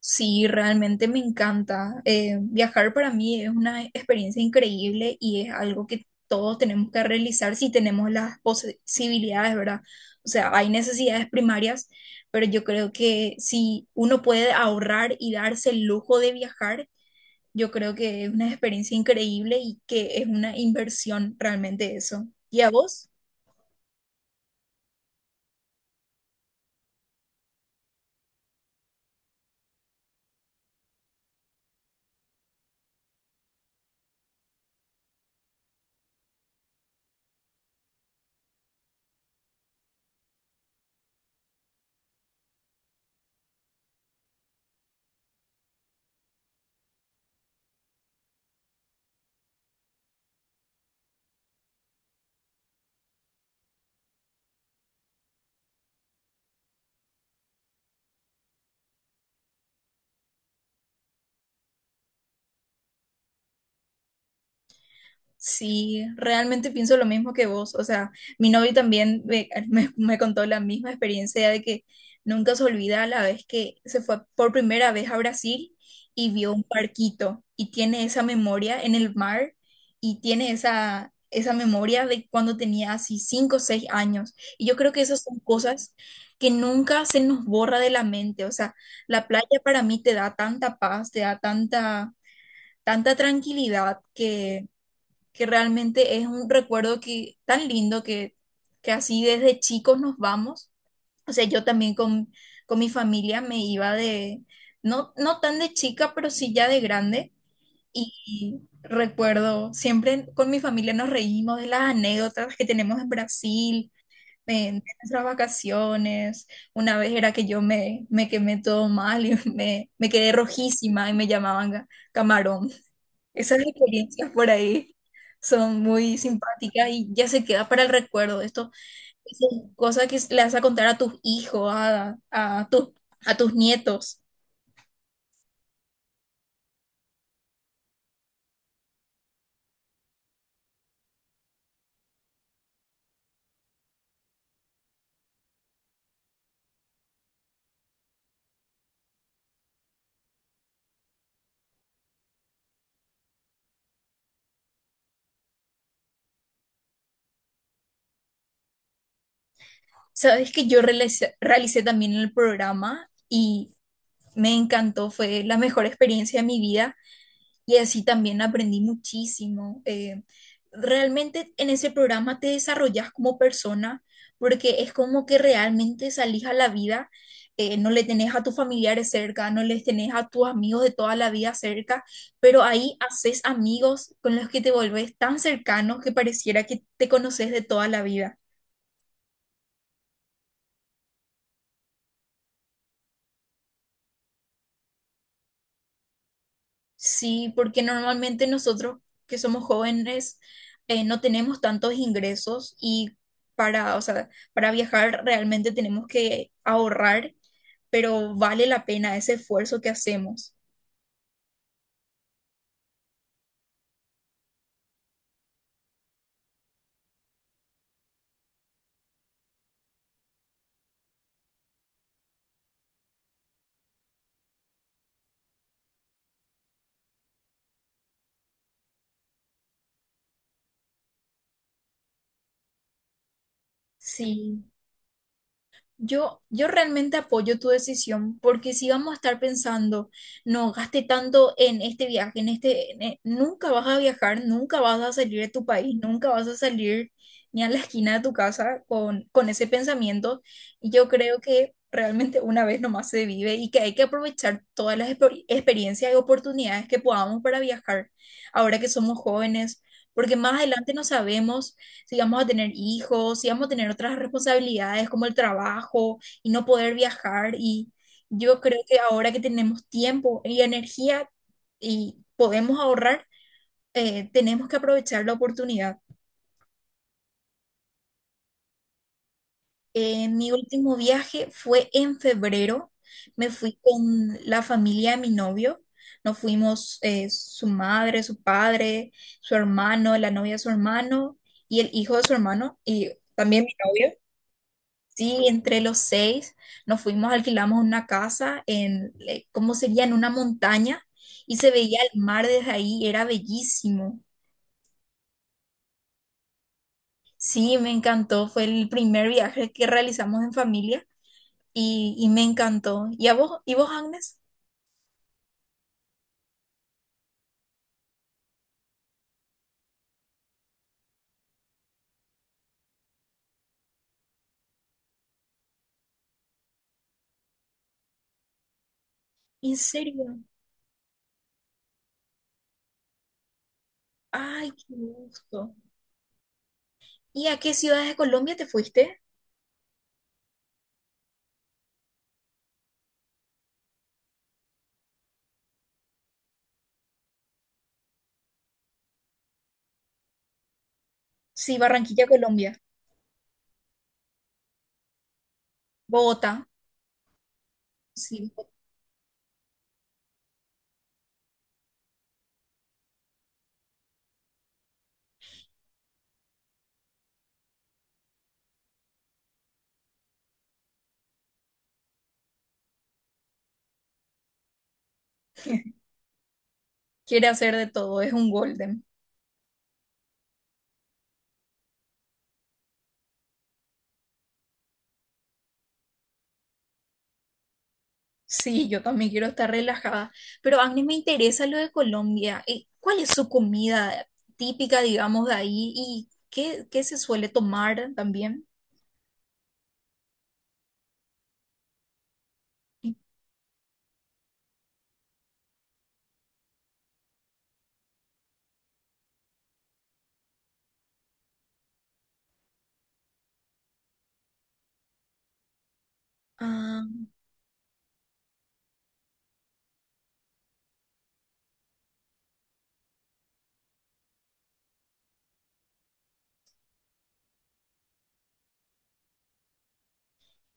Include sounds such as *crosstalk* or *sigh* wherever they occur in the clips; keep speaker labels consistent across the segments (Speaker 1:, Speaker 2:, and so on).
Speaker 1: Sí, realmente me encanta. Viajar para mí es una experiencia increíble y es algo que todos tenemos que realizar si tenemos las posibilidades, ¿verdad? O sea, hay necesidades primarias, pero yo creo que si uno puede ahorrar y darse el lujo de viajar, yo creo que es una experiencia increíble y que es una inversión realmente eso. ¿Y a vos? Sí, realmente pienso lo mismo que vos. O sea, mi novio también *laughs* me contó la misma experiencia de que nunca se olvida la vez que se fue por primera vez a Brasil y vio un barquito y tiene esa memoria en el mar y tiene esa memoria de cuando tenía así 5 o 6 años. Y yo creo que esas son cosas que nunca se nos borra de la mente. O sea, la playa para mí te da tanta paz, te da tanta, tanta tranquilidad que realmente es un recuerdo que tan lindo que así desde chicos nos vamos. O sea, yo también con mi familia me iba de, no tan de chica, pero sí ya de grande. Y recuerdo, siempre con mi familia nos reímos de las anécdotas que tenemos en Brasil, en de nuestras vacaciones. Una vez era que yo me quemé todo mal y *laughs* me quedé rojísima y me llamaban camarón. Esas experiencias por ahí son muy simpáticas y ya se queda para el recuerdo. Esto es cosa que le vas a contar a tus hijos, a tus nietos. Sabes que yo realicé también el programa y me encantó, fue la mejor experiencia de mi vida. Y así también aprendí muchísimo. Realmente en ese programa te desarrollas como persona porque es como que realmente salís a la vida, no le tenés a tus familiares cerca, no les tenés a tus amigos de toda la vida cerca, pero ahí haces amigos con los que te volvés tan cercanos que pareciera que te conoces de toda la vida. Sí, porque normalmente nosotros que somos jóvenes no tenemos tantos ingresos y o sea, para viajar realmente tenemos que ahorrar, pero vale la pena ese esfuerzo que hacemos. Sí. Yo realmente apoyo tu decisión porque si vamos a estar pensando, no gaste tanto en este viaje, nunca vas a viajar, nunca vas a salir de tu país, nunca vas a salir ni a la esquina de tu casa con ese pensamiento. Y yo creo que realmente una vez nomás se vive y que hay que aprovechar todas las experiencias y oportunidades que podamos para viajar ahora que somos jóvenes, porque más adelante no sabemos si vamos a tener hijos, si vamos a tener otras responsabilidades como el trabajo y no poder viajar. Y yo creo que ahora que tenemos tiempo y energía y podemos ahorrar, tenemos que aprovechar la oportunidad. Mi último viaje fue en febrero. Me fui con la familia de mi novio. Nos fuimos su madre, su padre, su hermano, la novia de su hermano y el hijo de su hermano y también mi novio. Sí, entre los seis nos fuimos, alquilamos una casa en, ¿cómo sería? En una montaña y se veía el mar desde ahí, era bellísimo. Sí, me encantó, fue el primer viaje que realizamos en familia y me encantó. ¿Y a vos, y vos, Agnes? ¿En serio? Ay, qué gusto. ¿Y a qué ciudades de Colombia te fuiste? Sí, Barranquilla, Colombia. Bogotá, sí, quiere hacer de todo, es un golden. Sí, yo también quiero estar relajada. Pero Agnes, me interesa lo de Colombia. ¿Cuál es su comida típica, digamos, de ahí? ¿Y qué, qué se suele tomar también? Ah.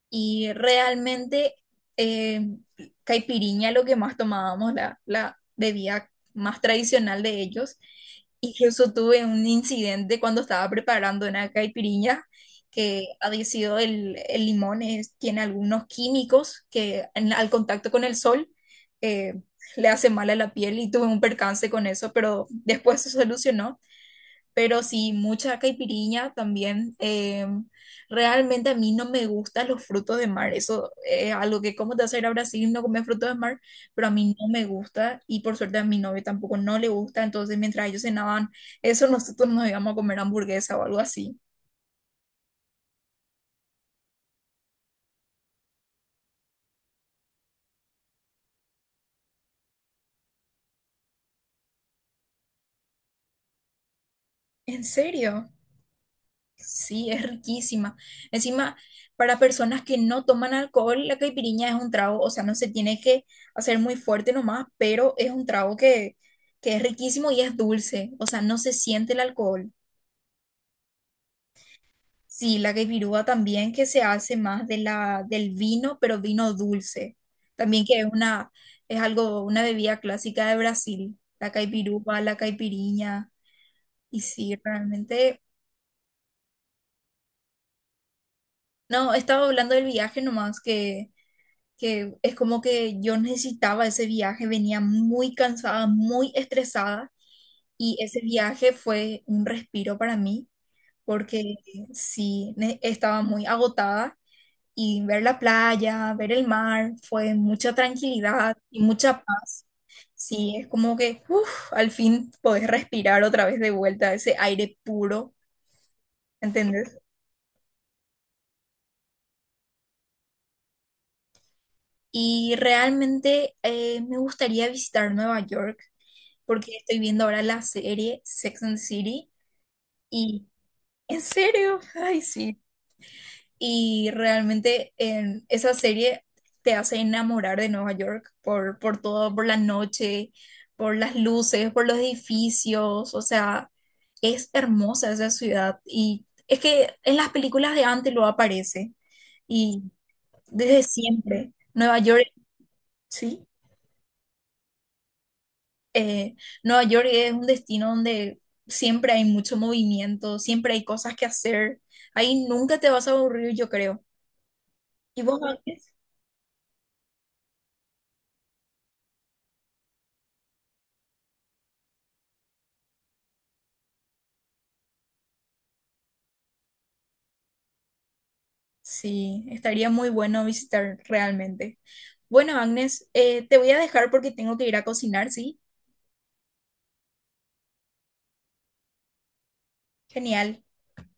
Speaker 1: Y realmente eh, caipiriña lo que más tomábamos, la bebida más tradicional de ellos. Incluso tuve un incidente cuando estaba preparando una caipiriña que había sido el limón, tiene algunos químicos que al contacto con el sol eh, le hace mal a la piel y tuve un percance con eso, pero después se solucionó pero sí, mucha caipiriña también. Realmente a mí no me gustan los frutos de mar. Eso es algo que, ¿cómo te vas a ir a Brasil y no comer frutos de mar? Pero a mí no me gusta y por suerte a mi novio tampoco no le gusta. Entonces, mientras ellos cenaban eso, nosotros nos íbamos a comer hamburguesa o algo así. ¿En serio? Sí, es riquísima. Encima, para personas que no toman alcohol, la caipirinha es un trago, o sea, no se tiene que hacer muy fuerte nomás, pero es un trago que es riquísimo y es dulce, o sea, no se siente el alcohol. Sí, la caipirúa también que se hace más de del vino, pero vino dulce. También que es una, es algo, una bebida clásica de Brasil, la caipirúa, la caipirinha. Y sí, realmente, no, estaba hablando del viaje nomás que es como que yo necesitaba ese viaje, venía muy cansada, muy estresada y ese viaje fue un respiro para mí porque sí, estaba muy agotada y ver la playa, ver el mar, fue mucha tranquilidad y mucha paz. Sí, es como que uf, al fin podés respirar otra vez de vuelta ese aire puro, ¿entendés? Y realmente me gustaría visitar Nueva York, porque estoy viendo ahora la serie Sex and the City y en serio, ay sí. Y realmente en esa serie te hace enamorar de Nueva York por todo, por la noche, por las luces, por los edificios, o sea, es hermosa esa ciudad y es que en las películas de antes lo aparece y desde siempre Nueva York, sí. eh, Nueva York es un destino donde siempre hay mucho movimiento, siempre hay cosas que hacer. Ahí nunca te vas a aburrir, yo creo. ¿Y vos, Agnes? Sí, estaría muy bueno visitar realmente. Bueno, Agnes, te voy a dejar porque tengo que ir a cocinar, ¿sí? Genial.